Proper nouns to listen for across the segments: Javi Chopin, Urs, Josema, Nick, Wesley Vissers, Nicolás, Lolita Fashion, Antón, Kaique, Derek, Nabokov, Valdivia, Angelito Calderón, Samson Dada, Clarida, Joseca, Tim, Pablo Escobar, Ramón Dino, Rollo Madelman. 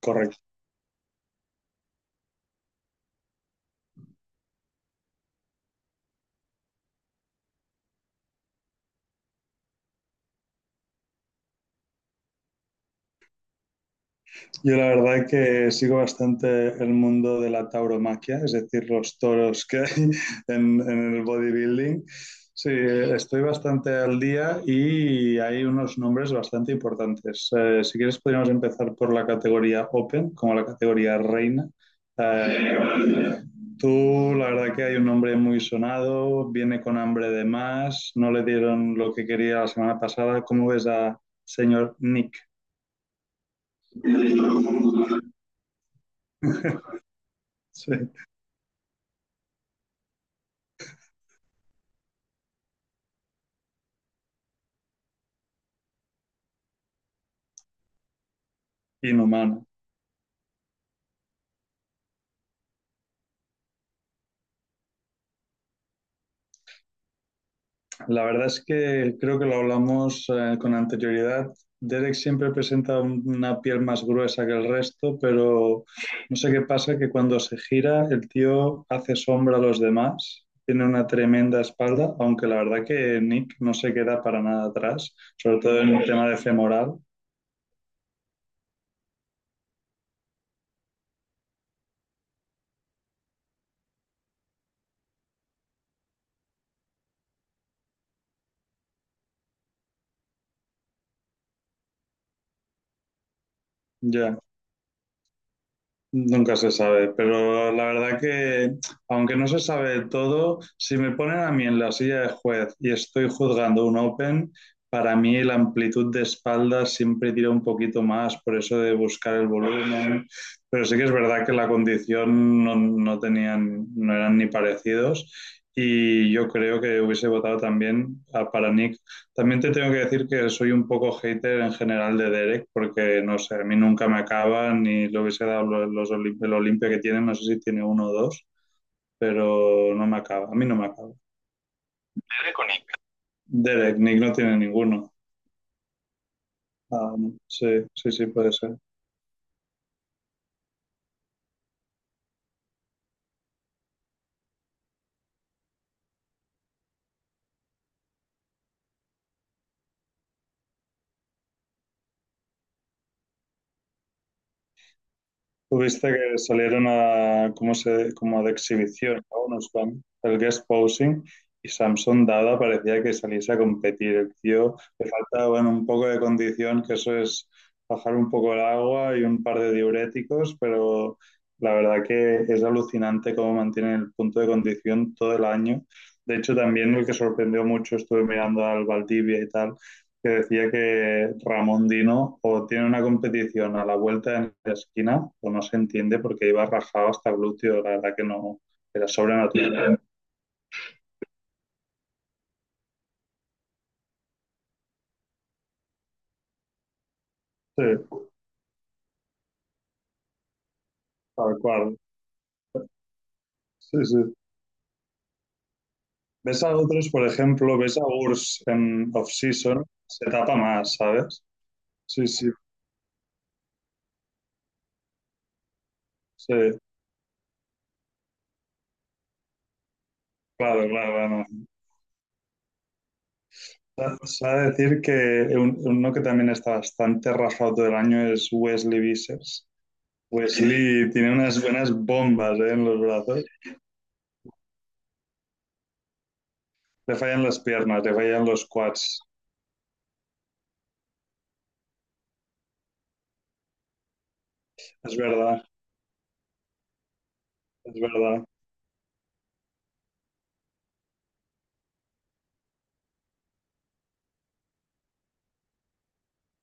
Correcto. Yo la verdad que sigo bastante el mundo de la tauromaquia, es decir, los toros que hay en el bodybuilding. Sí, estoy bastante al día y hay unos nombres bastante importantes. Si quieres, podríamos empezar por la categoría Open, como la categoría Reina. Eh, tú, la verdad que hay un nombre muy sonado, viene con hambre de más, no le dieron lo que quería la semana pasada. ¿Cómo ves a señor Nick? Sí, inhumano. La verdad es que creo que lo hablamos con anterioridad. Derek siempre presenta una piel más gruesa que el resto, pero no sé qué pasa, que cuando se gira el tío hace sombra a los demás, tiene una tremenda espalda, aunque la verdad que Nick no se queda para nada atrás, sobre todo en el tema de femoral. Ya. Nunca se sabe, pero la verdad que, aunque no se sabe todo, si me ponen a mí en la silla de juez y estoy juzgando un Open, para mí la amplitud de espalda siempre tira un poquito más, por eso de buscar el volumen. Pero sí que es verdad que la condición no, no tenían, no eran ni parecidos. Y yo creo que hubiese votado también para Nick. También te tengo que decir que soy un poco hater en general de Derek, porque no sé, a mí nunca me acaba, ni lo hubiese dado el Olimpia que tiene, no sé si tiene uno o dos, pero no me acaba, a mí no me acaba. Derek, Nick no tiene ninguno. Ah, no. Sí, sí, sí, puede ser. Tuviste que salieron como de exhibición, ¿no? El guest posing, y Samson Dada parecía que saliese a competir. El tío le faltaba bueno, un poco de condición, que eso es bajar un poco el agua y un par de diuréticos, pero la verdad que es alucinante cómo mantiene el punto de condición todo el año. De hecho, también el que sorprendió mucho, estuve mirando al Valdivia y tal, que decía que Ramón Dino o tiene una competición a la vuelta de la esquina o no se entiende porque iba rajado hasta glúteo, la verdad que no, era sobrenatural. Sí, tal cual. Sí, sí. Ves a otros, por ejemplo, ves a Urs en off-season, se tapa más, ¿sabes? Sí, sí, sí. Claro, claro, claro. Se va a decir que uno que también está bastante rajado todo el año es Wesley Vissers. Wesley tiene unas buenas bombas, ¿eh? En los brazos. Le fallan las piernas, le fallan los quads. Es verdad, es verdad.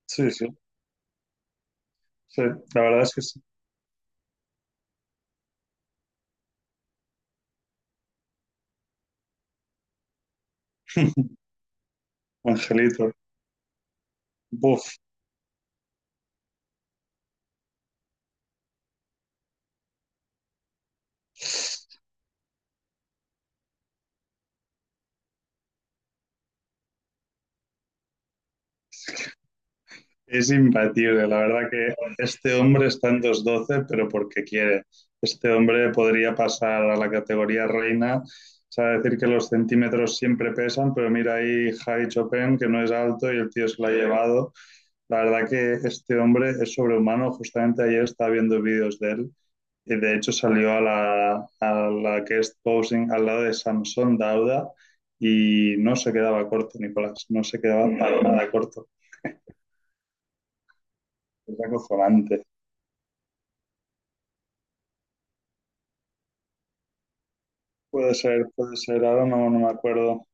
Sí, sí, sí. La verdad es que sí. Angelito, buf. Es imbatible. La verdad que este hombre está en 212 pero porque quiere. Este hombre podría pasar a la categoría reina. O sea, decir que los centímetros siempre pesan, pero mira ahí Javi Chopin, que no es alto y el tío se lo ha llevado. La verdad que este hombre es sobrehumano. Justamente ayer estaba viendo vídeos de él. Y de hecho salió a la guest posing al lado de Samson Dauda y no se quedaba corto, Nicolás, no se quedaba para nada corto. Es acojonante. Puede ser, ahora no, no me acuerdo.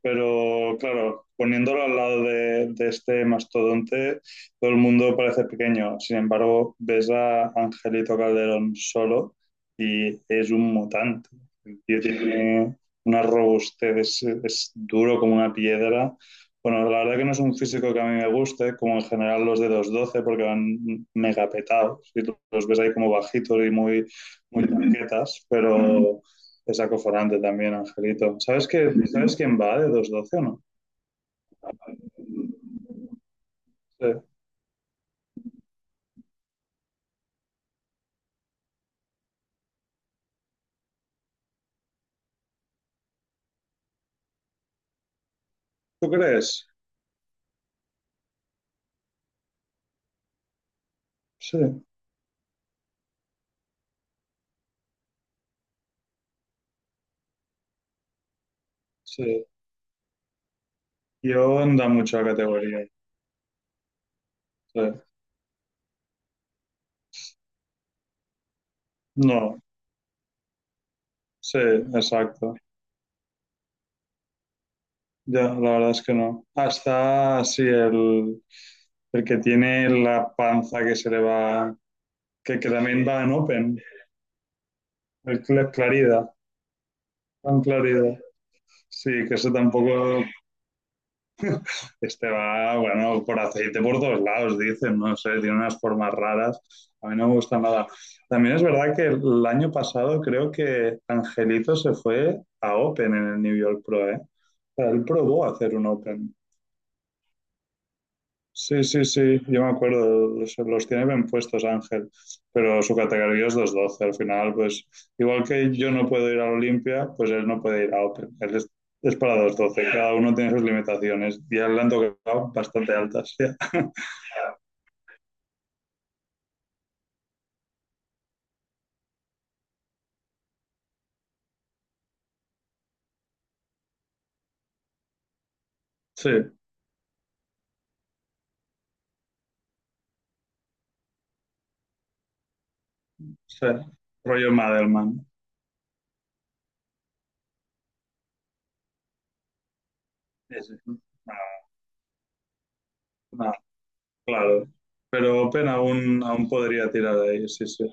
Pero claro, poniéndolo al lado de este mastodonte, todo el mundo parece pequeño. Sin embargo, ves a Angelito Calderón solo y es un mutante. El tío tiene una robustez, es duro como una piedra. Bueno, la verdad que no es un físico que a mí me guste, como en general los de 212 porque van mega petados. Y los ves ahí como bajitos y muy, muy tanquetas, pero es acoforante también, Angelito. ¿Sabes quién va de 212 o no? Sí. ¿Tú crees? Sí, sí. Yo anda mucho a categoría. Sí. No, sí, exacto. Ya, la verdad es que no. Hasta así el que tiene la panza que se le va, que también va en Open, el Clarida, tan Clarida. Sí, que eso tampoco. Este va, bueno, por aceite por todos lados, dicen, no sé, tiene unas formas raras. A mí no me gusta nada. También es verdad que el año pasado creo que Angelito se fue a Open en el New York Pro, ¿eh? O sea, él probó a hacer un Open. Sí, sí, sí, yo me acuerdo, los tiene bien puestos Ángel, pero su categoría es 212. Al final, pues igual que yo no puedo ir a Olimpia, pues él no puede ir a Open. Él es para 212, cada uno tiene sus limitaciones y a él le han tocado bastante altas. Ya. Sí, sí. Rollo Madelman. Sí, sí. No, no, claro. Pero Open aún podría tirar de ahí, sí, sí.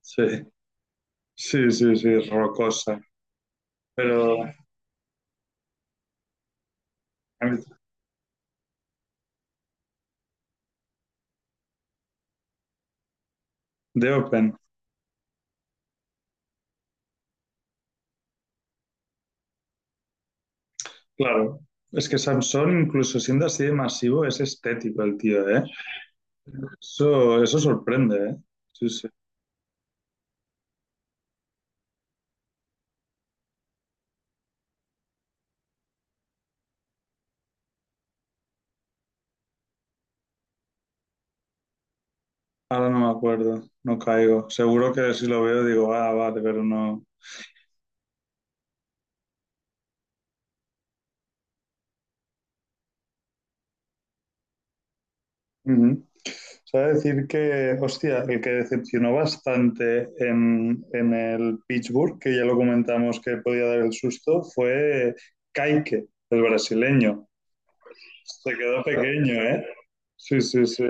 Sí, sí, sí, sí, rocosa. Pero a mí- de Open, claro. Es que Samson, incluso siendo así de masivo, es estético el tío, ¿eh? Eso sorprende, ¿eh? Sí, sí. Ahora no me acuerdo, no caigo. Seguro que si lo veo digo, ah, vale, pero no. Ujú. O sea, decir que, hostia, el que decepcionó bastante en el Pittsburgh, que ya lo comentamos que podía dar el susto, fue Kaique, el brasileño. Se quedó pequeño, ¿eh? Sí, sí, sí.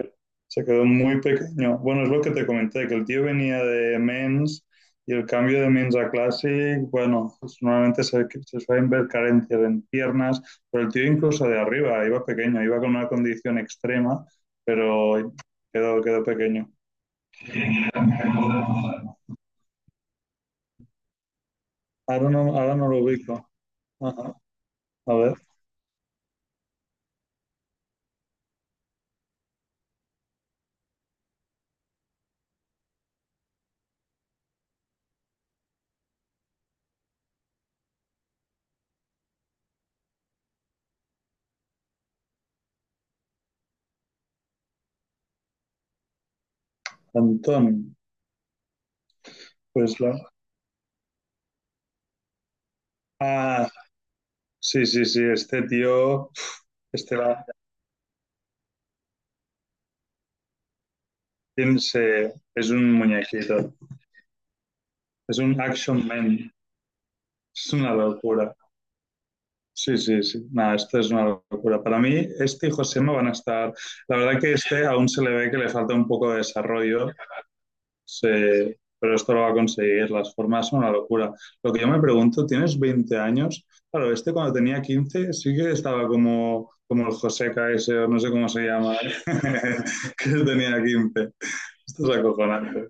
Se quedó muy pequeño. Bueno, es lo que te comenté, que el tío venía de Men's y el cambio de Men's a Classic, bueno, pues normalmente se suelen ver carencias en piernas, pero el tío incluso de arriba iba pequeño, iba con una condición extrema, pero quedó, quedó pequeño. Ahora no, lo ubico. Ajá. A ver, Antón, pues la... Ah, sí, sí, sí, este tío, este la, es un muñequito, es un action man, es una locura. Sí, sí, sí, nada, esto es una locura. Para mí, este y Josema van a estar, la verdad que este aún se le ve que le falta un poco de desarrollo, pero esto lo va a conseguir, las formas son una locura. Lo que yo me pregunto, tienes 20 años, claro, este cuando tenía 15 sí que estaba como, el Joseca ese, o no sé cómo se llama, que tenía 15. Esto es acojonante.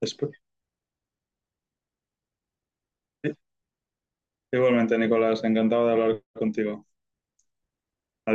Después- ¿eh? Igualmente, Nicolás, encantado de hablar contigo. Adiós.